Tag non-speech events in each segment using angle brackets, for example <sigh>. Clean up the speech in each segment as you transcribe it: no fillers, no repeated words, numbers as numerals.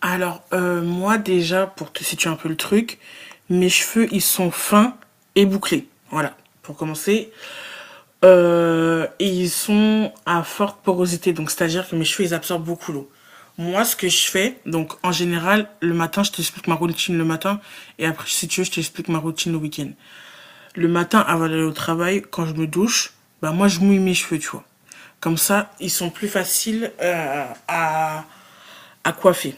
Alors, moi, déjà, pour te situer un peu le truc, mes cheveux, ils sont fins et bouclés. Voilà, pour commencer. Et ils sont à forte porosité, donc c'est-à-dire que mes cheveux, ils absorbent beaucoup l'eau. Moi, ce que je fais, donc en général, le matin, je t'explique ma routine le matin, et après, si tu veux, je t'explique ma routine le week-end. Le matin, avant d'aller au travail, quand je me douche, bah moi, je mouille mes cheveux, tu vois. Comme ça, ils sont plus faciles à coiffer.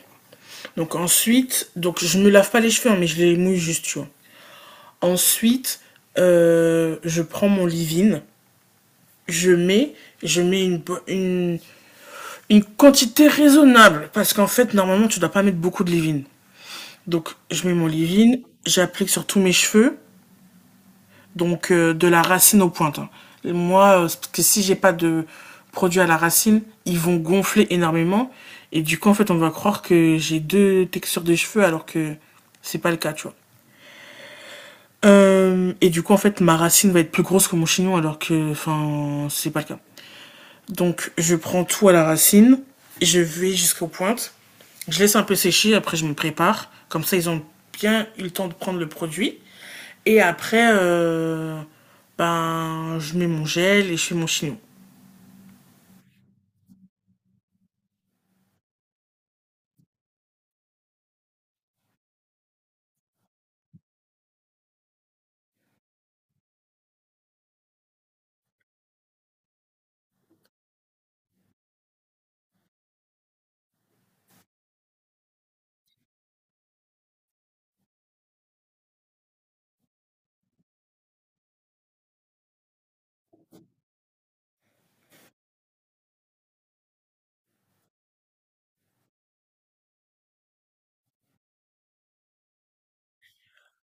Donc ensuite, donc je me lave pas les cheveux, hein, mais je les mouille juste, tu vois. Ensuite, je prends mon leave-in, je mets, je mets une, une quantité raisonnable, parce qu'en fait, normalement, tu dois pas mettre beaucoup de leave-in. Donc je mets mon leave-in, j'applique sur tous mes cheveux, donc de la racine aux pointes. Hein. Et moi, parce que si j'ai pas de produit à la racine, ils vont gonfler énormément, et du coup, en fait, on va croire que j'ai deux textures de cheveux, alors que c'est pas le cas, tu vois. Et du coup, en fait, ma racine va être plus grosse que mon chignon, alors que, enfin, c'est pas le cas. Donc, je prends tout à la racine, je vais jusqu'aux pointes, je laisse un peu sécher, après je me prépare. Comme ça, ils ont bien eu le temps de prendre le produit. Et après, ben, je mets mon gel et je fais mon chignon.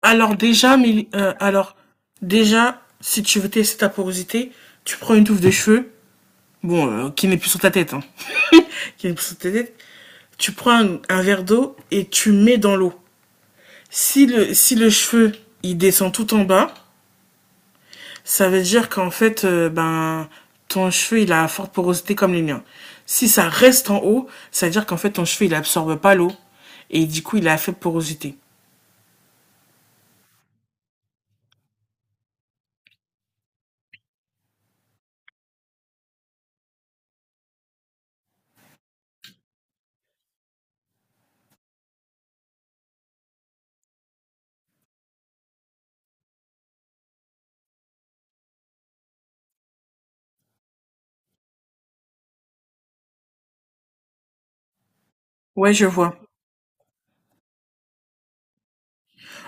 Alors déjà, si tu veux tester ta porosité, tu prends une touffe de cheveux, bon, qui n'est plus sur ta tête, hein, qui a une pousse de tête, tu prends un verre d'eau et tu mets dans l'eau. Si le cheveu, il descend tout en bas, ça veut dire qu'en fait, ben, ton cheveu, il a une forte porosité comme les miens. Si ça reste en haut, ça veut dire qu'en fait, ton cheveu, il absorbe pas l'eau. Et du coup, il a une faible porosité. Ouais, je vois.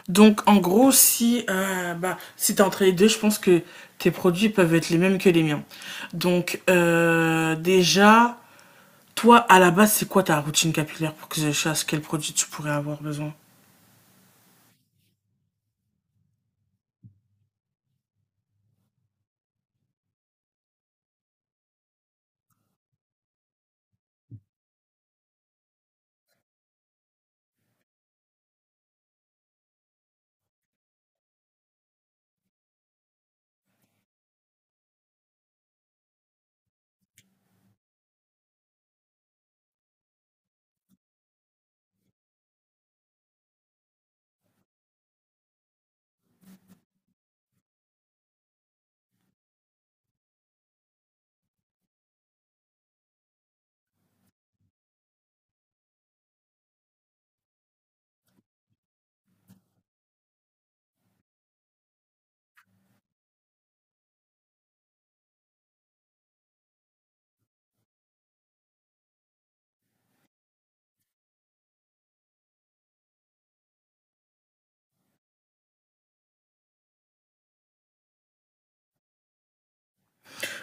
Donc, en gros, si t'es entre les deux, je pense que tes produits peuvent être les mêmes que les miens. Donc, déjà, toi, à la base, c'est quoi ta routine capillaire pour que je sache quel produit tu pourrais avoir besoin?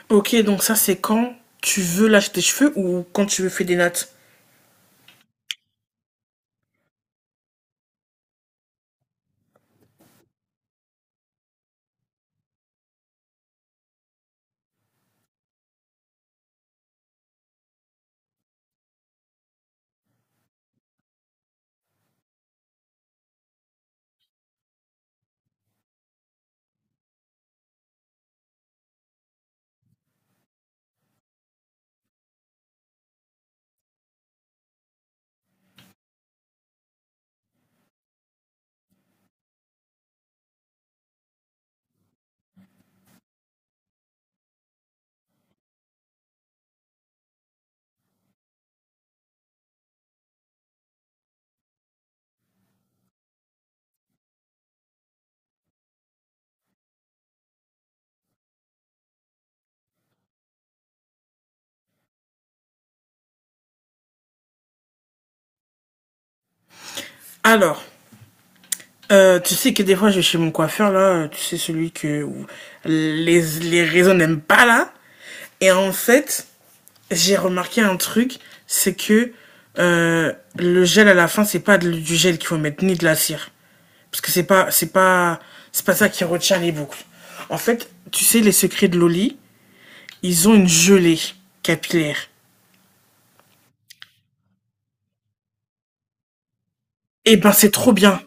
Ok, donc ça, c'est quand tu veux lâcher tes cheveux ou quand tu veux faire des nattes. Alors, tu sais que des fois, je vais chez mon coiffeur, là, tu sais, celui que les réseaux n'aiment pas, là. Et en fait, j'ai remarqué un truc, c'est que le gel à la fin, c'est pas du gel qu'il faut mettre, ni de la cire. Parce que c'est pas ça qui retient les boucles. En fait, tu sais, les secrets de Loli, ils ont une gelée capillaire. Eh ben, c'est trop bien.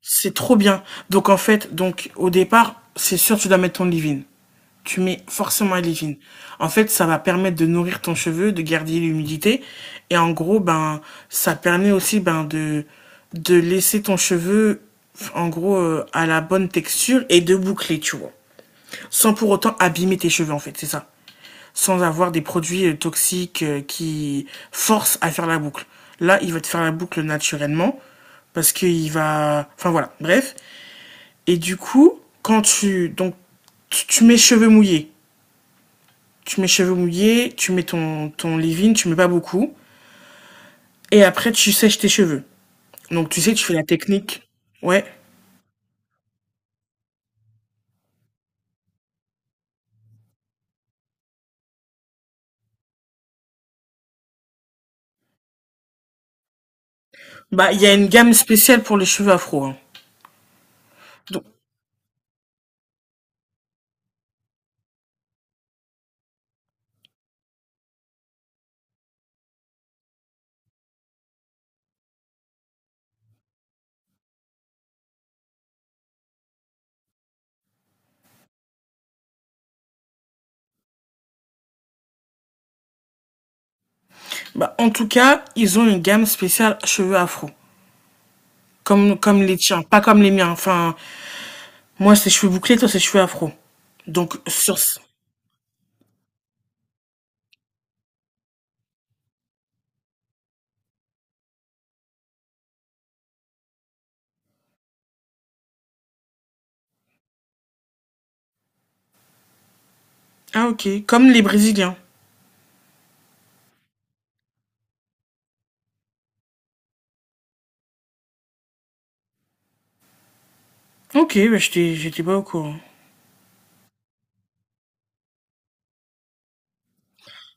C'est trop bien. Donc, en fait, donc, au départ, c'est sûr, tu dois mettre ton leave-in. Tu mets forcément un leave-in. En fait, ça va permettre de nourrir ton cheveu, de garder l'humidité. Et en gros, ben, ça permet aussi, ben, de laisser ton cheveu, en gros, à la bonne texture et de boucler, tu vois. Sans pour autant abîmer tes cheveux en fait, c'est ça. Sans avoir des produits toxiques qui forcent à faire la boucle. Là, il va te faire la boucle naturellement parce qu'il va enfin voilà, bref. Et du coup, quand tu mets cheveux mouillés, tu mets cheveux mouillés, tu mets ton leave-in, tu mets pas beaucoup et après tu sèches tes cheveux. Donc tu sais, tu fais la technique. Ouais. Bah, il y a une gamme spéciale pour les cheveux afro. Hein. Donc, bah, en tout cas, ils ont une gamme spéciale cheveux afro. Comme les tiens, pas comme les miens. Enfin, moi, c'est cheveux bouclés, toi, c'est cheveux afro. Donc, sur ce- Ah, ok. Comme les Brésiliens. Ok, bah, j'étais pas au courant.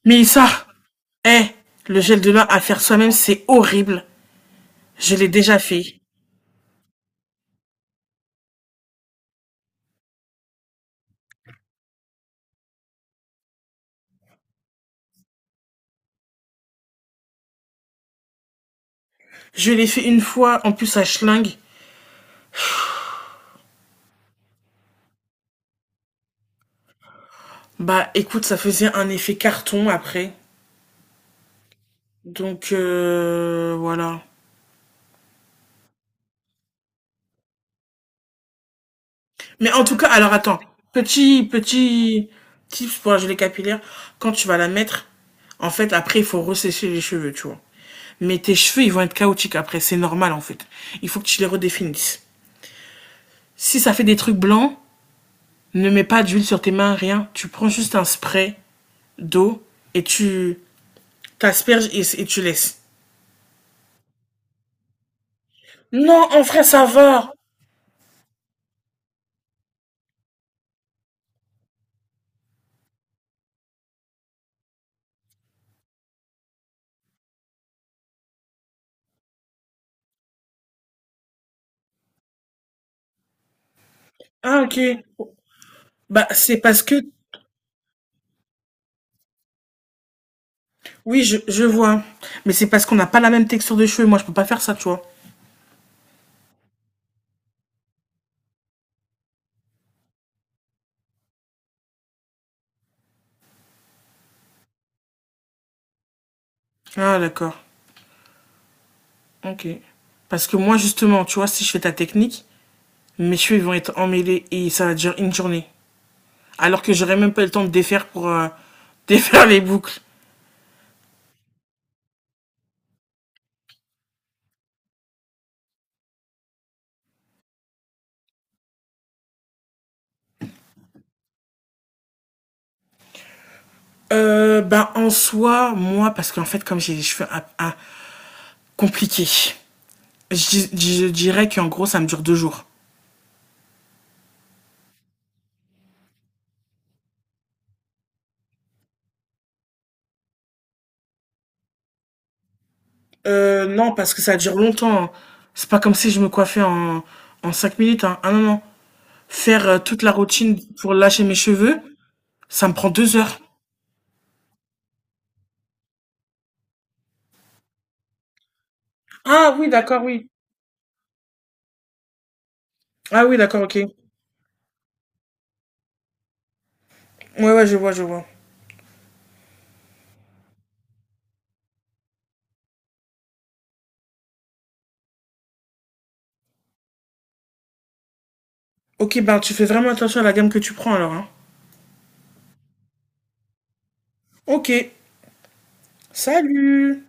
Mais ça, eh, le gel de lin à faire soi-même, c'est horrible. Je l'ai déjà fait. Je l'ai fait une fois, en plus, à Schling. Bah, écoute, ça faisait un effet carton après. Donc, voilà. Mais en tout cas, alors attends, petit, petit tips pour la gelée capillaire, quand tu vas la mettre, en fait, après, il faut ressécher les cheveux, tu vois. Mais tes cheveux, ils vont être chaotiques après, c'est normal en fait. Il faut que tu les redéfinisses. Si ça fait des trucs blancs, ne mets pas d'huile sur tes mains, rien. Tu prends juste un spray d'eau et tu t'asperges et tu laisses. Non, en vrai, ça va. Ah, ok. Bah, c'est parce que, oui, je vois. Mais c'est parce qu'on n'a pas la même texture de cheveux. Moi, je peux pas faire ça, tu vois. Ah d'accord, OK. Parce que moi justement, tu vois, si je fais ta technique, mes cheveux ils vont être emmêlés et ça va durer une journée. Alors que j'aurais même pas le temps de défaire pour <laughs> défaire les boucles. Ben en soi, moi, parce qu'en fait, comme j'ai les cheveux compliqués, je dirais qu'en gros, ça me dure 2 jours. Non, parce que ça dure longtemps. Hein. C'est pas comme si je me coiffais en 5 minutes. Hein. Ah non, non. Faire toute la routine pour lâcher mes cheveux, ça me prend 2 heures. Ah oui, d'accord, oui. Ah oui, d'accord, ok. Ouais, ouais, je vois, je vois. Ok, ben tu fais vraiment attention à la gamme que tu prends alors, hein. Ok, salut!